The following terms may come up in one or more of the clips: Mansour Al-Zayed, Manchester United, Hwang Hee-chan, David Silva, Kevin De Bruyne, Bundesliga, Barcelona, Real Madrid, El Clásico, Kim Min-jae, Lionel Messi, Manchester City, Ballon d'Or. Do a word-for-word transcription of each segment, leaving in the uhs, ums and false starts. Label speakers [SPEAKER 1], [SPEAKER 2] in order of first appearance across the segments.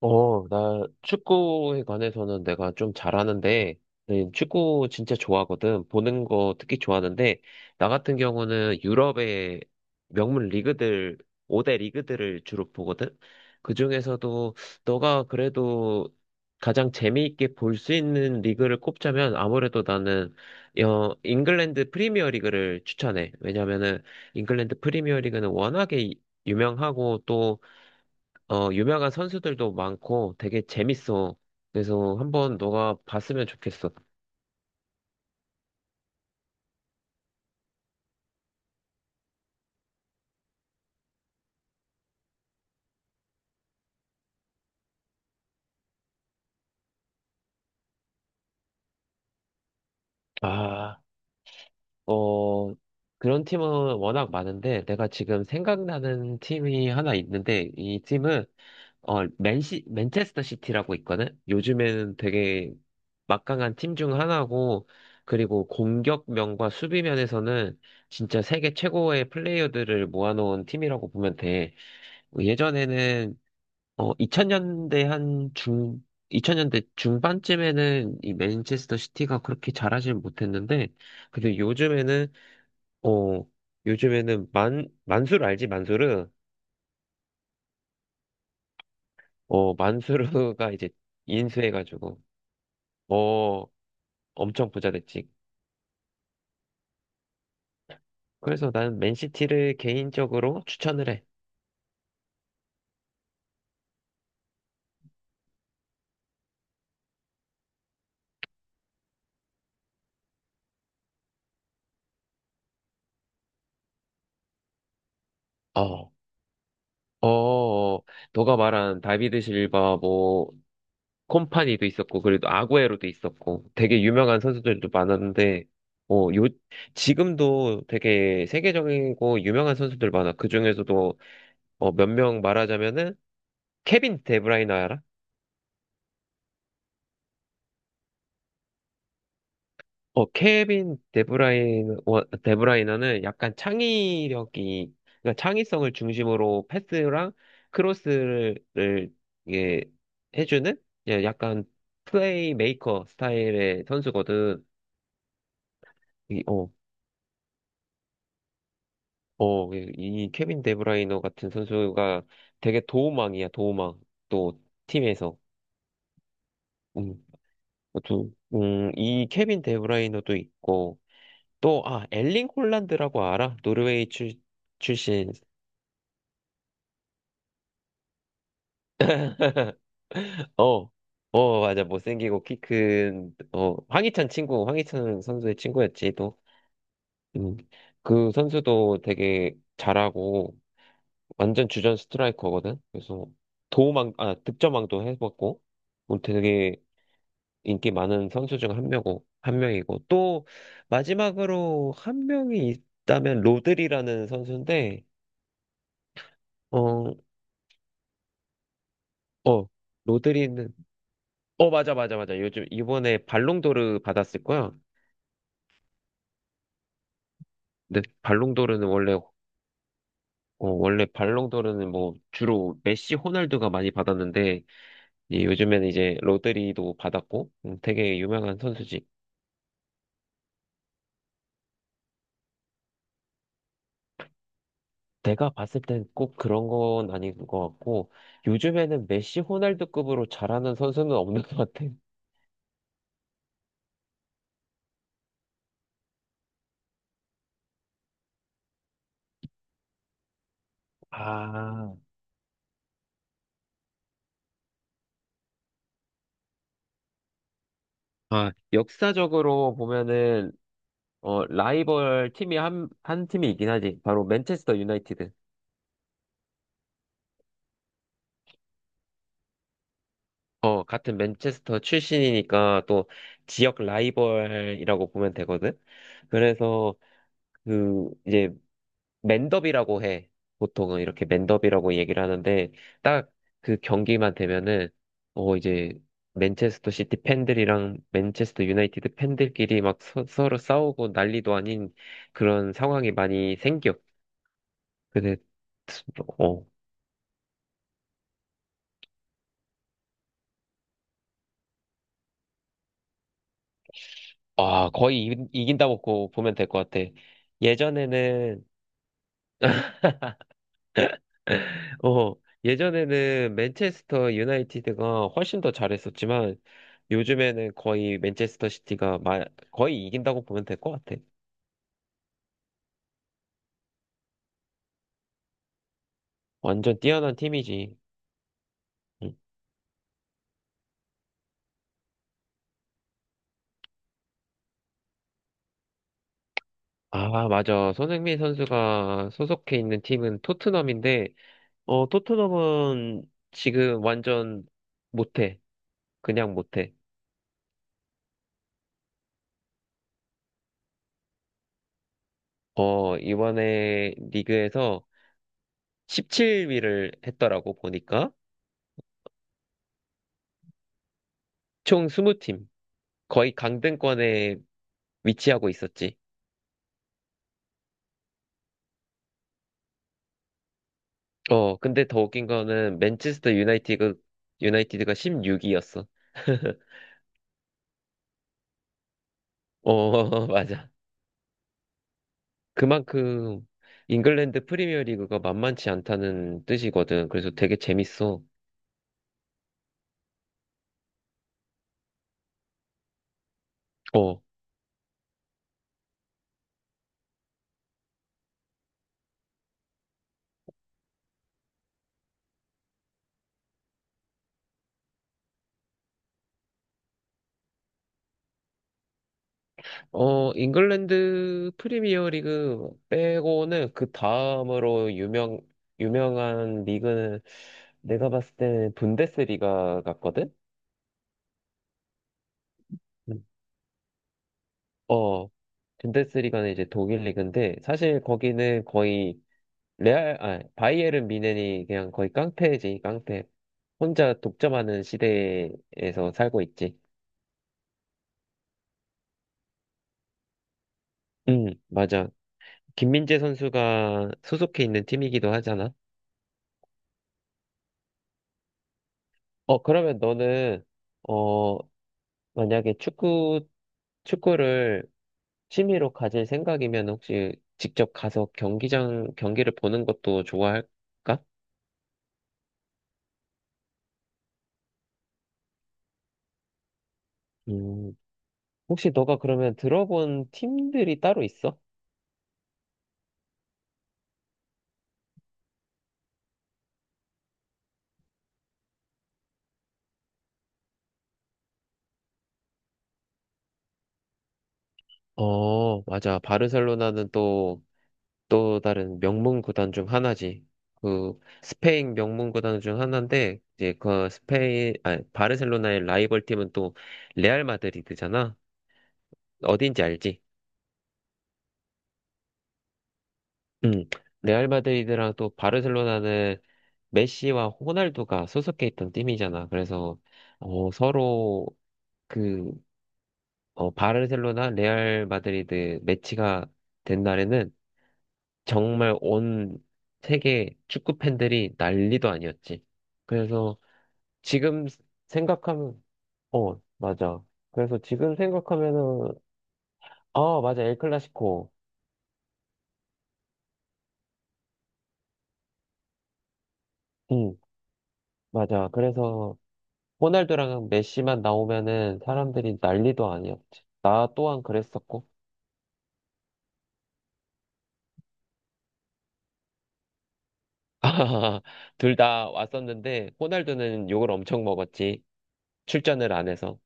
[SPEAKER 1] 어, 나 축구에 관해서는 내가 좀 잘하는데, 네, 축구 진짜 좋아하거든. 보는 거 특히 좋아하는데, 나 같은 경우는 유럽의 명문 리그들, 오 대 리그들을 주로 보거든. 그 중에서도 너가 그래도 가장 재미있게 볼 수 있는 리그를 꼽자면 아무래도 나는 어, 잉글랜드 프리미어 리그를 추천해. 왜냐면은 잉글랜드 프리미어 리그는 워낙에 유명하고 어, 유명한 선수들도 많고 되게 재밌어. 그래서 한번 너가 봤으면 좋겠어. 아, 어, 그런 팀은 워낙 많은데 내가 지금 생각나는 팀이 하나 있는데 이 팀은 어, 맨시, 맨체스터 시티라고 있거든? 요즘에는 되게 막강한 팀 중 하나고, 그리고 공격면과 수비면에서는 진짜 세계 최고의 플레이어들을 모아놓은 팀이라고 보면 돼. 예전에는 어, 이천 년대 한 중, 이천 년대 중반쯤에는 이 맨체스터 시티가 그렇게 잘하진 못했는데, 근데 요즘에는, 어, 요즘에는 만, 만수르 알지, 만수르? 어, 만수르가 이제 인수해가지고, 어, 엄청 부자 됐지. 그래서 나는 맨시티를 개인적으로 추천을 해. 어, 어, 너가 말한 다비드 실바, 뭐, 콤파니도 있었고, 그래도 아구에로도 있었고, 되게 유명한 선수들도 많았는데, 어, 요, 지금도 되게 세계적이고 유명한 선수들 많아. 그 중에서도, 어, 몇 명 말하자면은, 케빈 데브라이너 알아? 어, 케빈 데브라이너, 어, 데브라이너는 약간 창의력이, 그러니까 창의성을 중심으로 패스랑 크로스를, 이게, 해주는? 예, 약간 플레이메이커 스타일의 선수거든. 이, 어, 어, 이 이 케빈 데브라이너 같은 선수가 되게 도움망이야, 도움망. 또, 팀에서. 음, 좀, 음, 이 케빈 데브라이너도 있고, 또, 아, 엘링 홀란드라고 알아? 노르웨이 출, 출신. 어, 어, 맞아. 못생기고 키 큰, 어, 황희찬 친구, 황희찬 선수의 친구였지, 또. 음, 그 선수도 되게 잘하고, 완전 주전 스트라이커거든? 그래서, 도움망, 아, 득점왕도 해봤고, 뭐 되게, 인기 많은 선수 중 한 명이고, 한 명이고, 또 마지막으로 한 명이 있다면 로드리라는 선수인데, 어, 어, 로드리는, 어, 맞아, 맞아, 맞아. 요즘 이번에 발롱도르 받았을 거야. 근데 발롱도르는 원래, 어, 원래 발롱도르는 뭐 주로 메시, 호날두가 많이 받았는데, 이 요즘에는 이제 로드리도 받았고, 음, 되게 유명한 선수지. 내가 봤을 땐 꼭 그런 건 아닌 것 같고, 요즘에는 메시 호날두급으로 잘하는 선수는 없는 것 같아. 아, 아, 역사적으로 보면은, 어, 라이벌 팀이 한, 한 팀이 있긴 하지. 바로 맨체스터 유나이티드. 어, 같은 맨체스터 출신이니까 또 지역 라이벌이라고 보면 되거든. 그래서 그, 이제 맨더비라고 해. 보통은 이렇게 맨더비라고 얘기를 하는데, 딱 그 경기만 되면은, 어, 이제, 맨체스터 시티 팬들이랑 맨체스터 유나이티드 팬들끼리 막 서, 서로 싸우고 난리도 아닌 그런 상황이 많이 생겨. 근데, 어, 아, 거의 이, 이긴다 먹고 보면 될 것 같아. 예전에는 어, 예전에는 맨체스터 유나이티드가 훨씬 더 잘했었지만 요즘에는 거의 맨체스터 시티가 마, 거의 이긴다고 보면 될 것 같아. 완전 뛰어난 팀이지. 응. 아, 맞아. 손흥민 선수가 소속해 있는 팀은 토트넘인데, 어, 토트넘은 지금 완전 못해. 그냥 못해. 어, 이번에 리그에서 십칠 위를 했더라고, 보니까. 총 이십 팀. 거의 강등권에 위치하고 있었지. 어, 근데 더 웃긴 거는 맨체스터 유나이티드, 유나이티드가 십육 위였어. 어, 맞아. 그만큼 잉글랜드 프리미어리그가 만만치 않다는 뜻이거든. 그래서 되게 재밌어. 어, 어, 잉글랜드 프리미어리그 빼고는 그 다음으로 유명 유명한 리그는 내가 봤을 때는 분데스리가 같거든. 음. 어, 분데스리가는 이제 독일 리그인데 사실 거기는 거의 레알, 아, 바이에른 미헨이 그냥 거의 깡패지, 깡패. 혼자 독점하는 시대에서 살고 있지. 응, 맞아. 김민재 선수가 소속해 있는 팀이기도 하잖아. 어, 그러면 너는, 어, 만약에 축구, 축구를 취미로 가질 생각이면 혹시 직접 가서 경기장, 경기를 보는 것도 좋아할까? 음, 혹시 너가 그러면 들어본 팀들이 따로 있어? 어, 맞아. 바르셀로나는 또 또 다른 명문 구단 중 하나지. 그 스페인 명문 구단 중 하나인데 이제 그 스페인 아 바르셀로나의 라이벌 팀은 또 레알 마드리드잖아. 어딘지 알지? 음. 레알 마드리드랑 또 바르셀로나는 메시와 호날두가 소속해 있던 팀이잖아. 그래서 어 서로 그 어, 바르셀로나 레알 마드리드 매치가 된 날에는 정말 온 세계 축구 팬들이 난리도 아니었지. 그래서 지금 생각하면, 어, 맞아. 그래서 지금 생각하면은, 어, 맞아. 엘 클라시코. 응, 맞아. 그래서 호날두랑 메시만 나오면은 사람들이 난리도 아니었지. 나 또한 그랬었고. 둘 다 왔었는데, 호날두는 욕을 엄청 먹었지. 출전을 안 해서.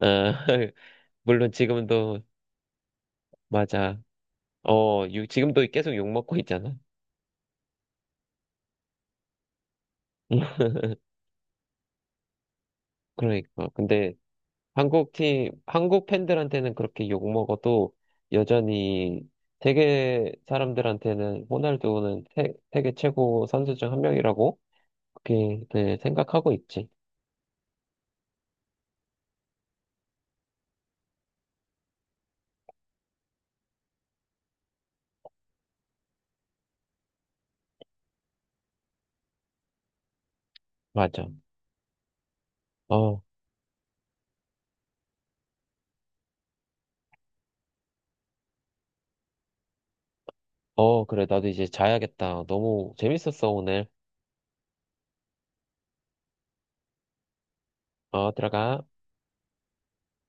[SPEAKER 1] 어, 물론 지금도, 맞아. 어, 유- 지금도 계속 욕 먹고 있잖아. 그러니까. 근데 한국 팀, 한국 팬들한테는 그렇게 욕 먹어도 여전히 세계 사람들한테는 호날두는 세, 세계 최고 선수 중 한 명이라고 그렇게 네, 생각하고 있지. 맞아. 어, 어, 그래. 나도 이제 자야겠다. 너무 재밌었어, 오늘. 어, 들어가.